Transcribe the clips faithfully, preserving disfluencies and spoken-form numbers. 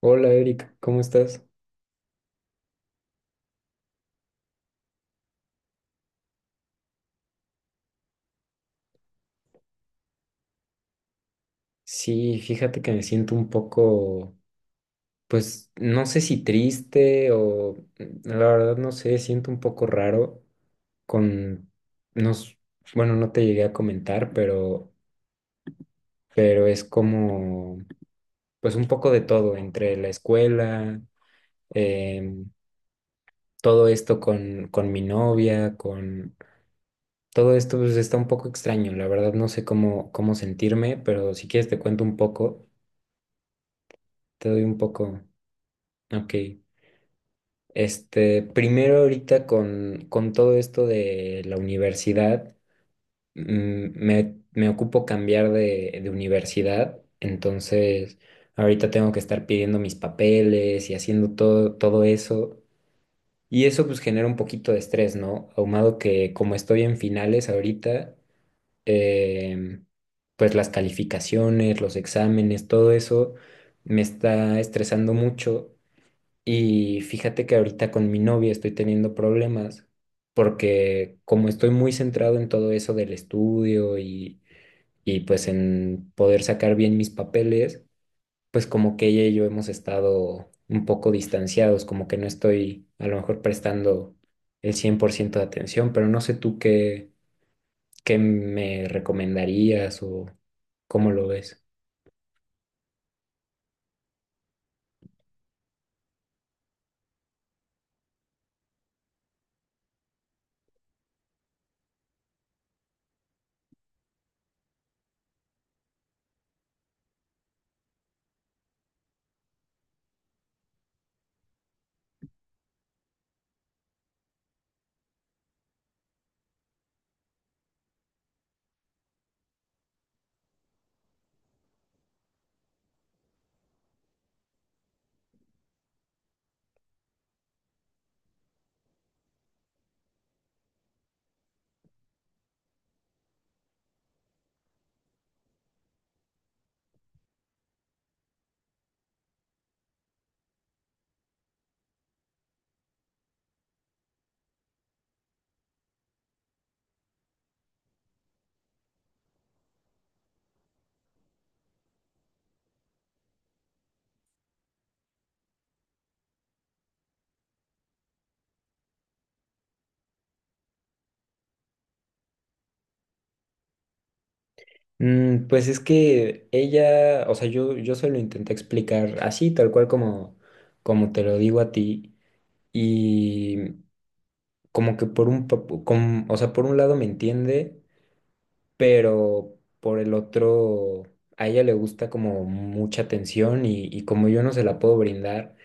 Hola Erika, ¿cómo estás? Sí, fíjate que me siento un poco, pues no sé si triste o mm, la verdad no sé, siento un poco raro con, nos, bueno, no te llegué a comentar, pero, pero es como, pues un poco de todo, entre la escuela, em, todo esto con, con mi novia, con todo esto, pues está un poco extraño, la verdad no sé cómo, cómo sentirme, pero si quieres te cuento un poco, te doy un poco, ok. Este, primero ahorita con, con todo esto de la universidad, mm, me, me ocupo cambiar de, de universidad, entonces ahorita tengo que estar pidiendo mis papeles y haciendo todo, todo eso. Y eso pues genera un poquito de estrés, ¿no? Ahumado que como estoy en finales ahorita, em, pues las calificaciones, los exámenes, todo eso me está estresando mucho. Y fíjate que ahorita con mi novia estoy teniendo problemas porque como estoy muy centrado en todo eso del estudio y, y pues en poder sacar bien mis papeles, pues como que ella y yo hemos estado un poco distanciados, como que no estoy a lo mejor prestando el cien por ciento de atención, pero no sé tú qué, qué me recomendarías o cómo lo ves. Mm, pues es que ella, o sea, yo, yo se lo intenté explicar así, tal cual como, como te lo digo a ti, y como que por un, pa- com- o sea, por un lado me entiende, pero por el otro, a ella le gusta como mucha atención y, y como yo no se la puedo brindar,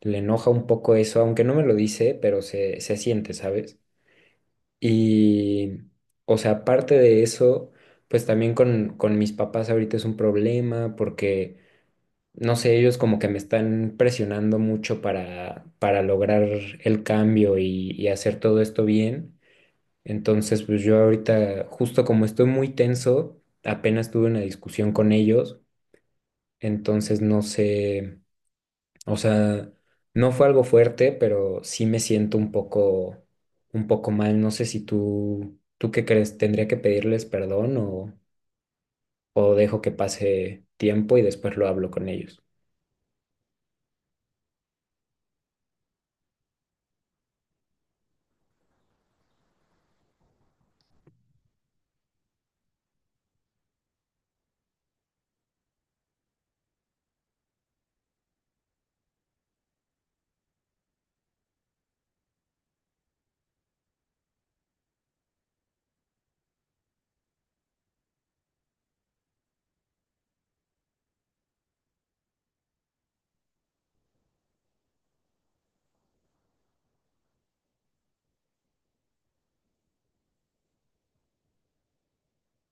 le enoja un poco eso, aunque no me lo dice, pero se, se siente, ¿sabes? Y, o sea, aparte de eso, pues también con, con mis papás ahorita es un problema porque, no sé, ellos como que me están presionando mucho para, para lograr el cambio y, y hacer todo esto bien. Entonces, pues yo ahorita, justo como estoy muy tenso, apenas tuve una discusión con ellos, entonces no sé. O sea, no fue algo fuerte, pero sí me siento un poco, un poco mal. No sé si tú, ¿tú qué crees? ¿Tendría que pedirles perdón o, o dejo que pase tiempo y después lo hablo con ellos?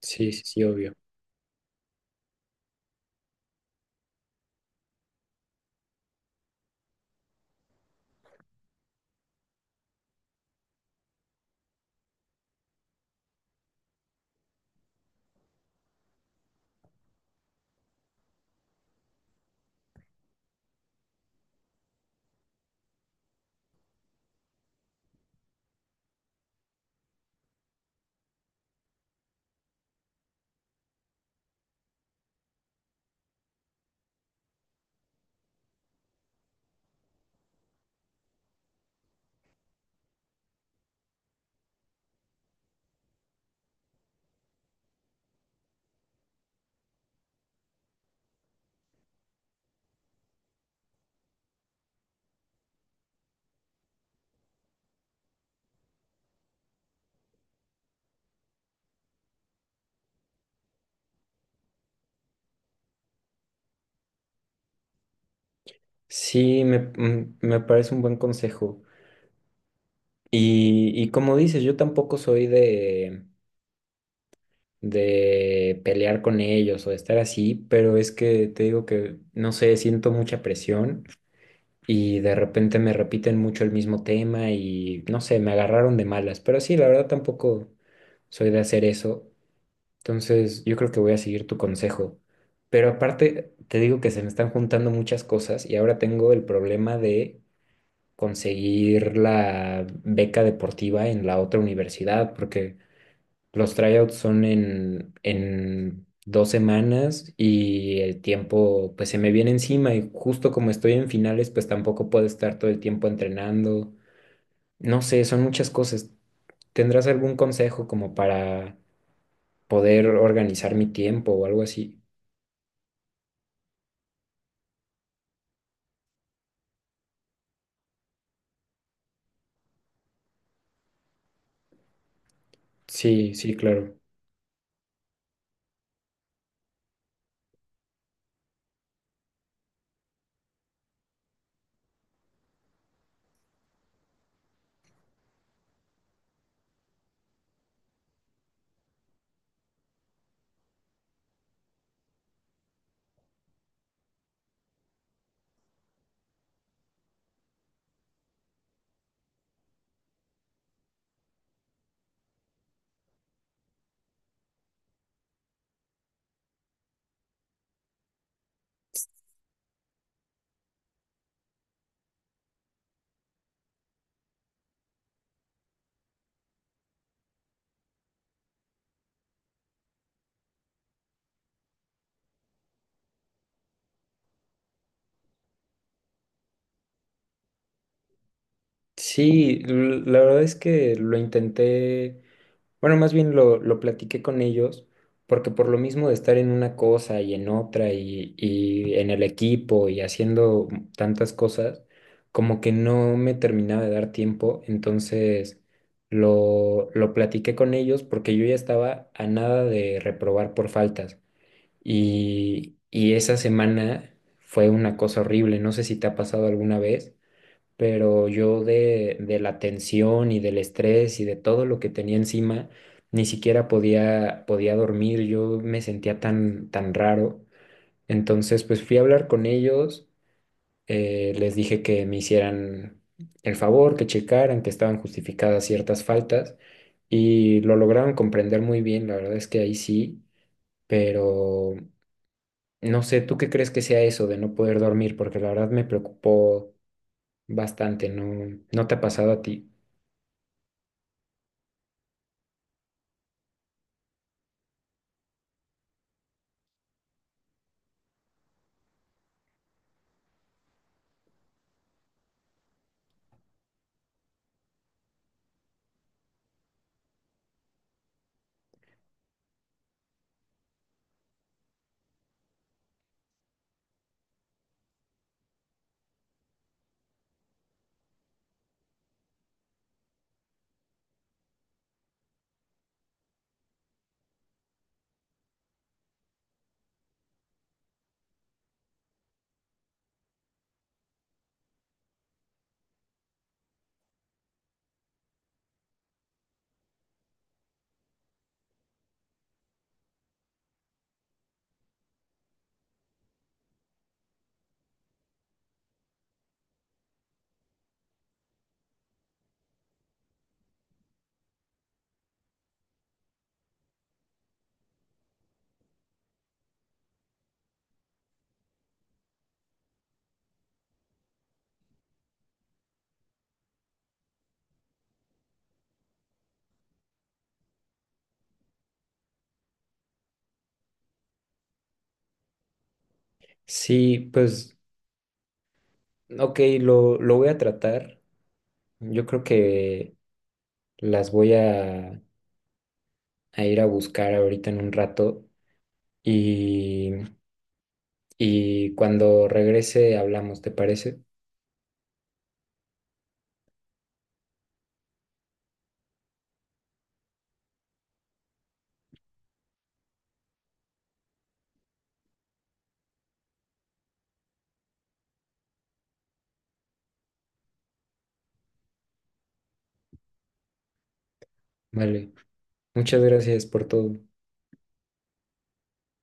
Sí, sí, sí, obvio. Sí, me, mm, me parece un buen consejo. Y, y como dices, yo tampoco soy de, de pelear con ellos o de estar así, pero es que te digo que, no sé, siento mucha presión y de repente me repiten mucho el mismo tema y no sé, me agarraron de malas, pero sí, la verdad tampoco soy de hacer eso, entonces yo creo que voy a seguir tu consejo, pero aparte te digo que se me están juntando muchas cosas y ahora tengo el problema de conseguir la beca deportiva en la otra universidad, porque los tryouts son en, en dos semanas y el tiempo pues se me viene encima y justo como estoy en finales pues tampoco puedo estar todo el tiempo entrenando. No sé, son muchas cosas. ¿Tendrás algún consejo como para poder organizar mi tiempo o algo así? Sí, sí, claro. Sí, l- la verdad es que lo intenté. Bueno, más bien lo, lo platiqué con ellos, porque por lo mismo de estar en una cosa y en otra y, y en el equipo y haciendo tantas cosas, como que no me terminaba de dar tiempo, entonces lo, lo platiqué con ellos porque yo ya estaba a nada de reprobar por faltas. Y, y esa semana fue una cosa horrible, no sé si te ha pasado alguna vez pero yo de, de la tensión y del estrés y de todo lo que tenía encima, ni siquiera podía, podía dormir, yo me sentía tan, tan raro. Entonces, pues fui a hablar con ellos, eh, les dije que me hicieran el favor, que checaran que estaban justificadas ciertas faltas y lo lograron comprender muy bien, la verdad es que ahí sí, pero no sé, ¿tú qué crees que sea eso de no poder dormir? Porque la verdad me preocupó bastante, ¿no? ¿No te ha pasado a ti? Sí, pues, ok, lo, lo voy a tratar. Yo creo que las voy a, a ir a buscar ahorita en un rato y, y cuando regrese hablamos, ¿te parece? Vale, muchas gracias por todo.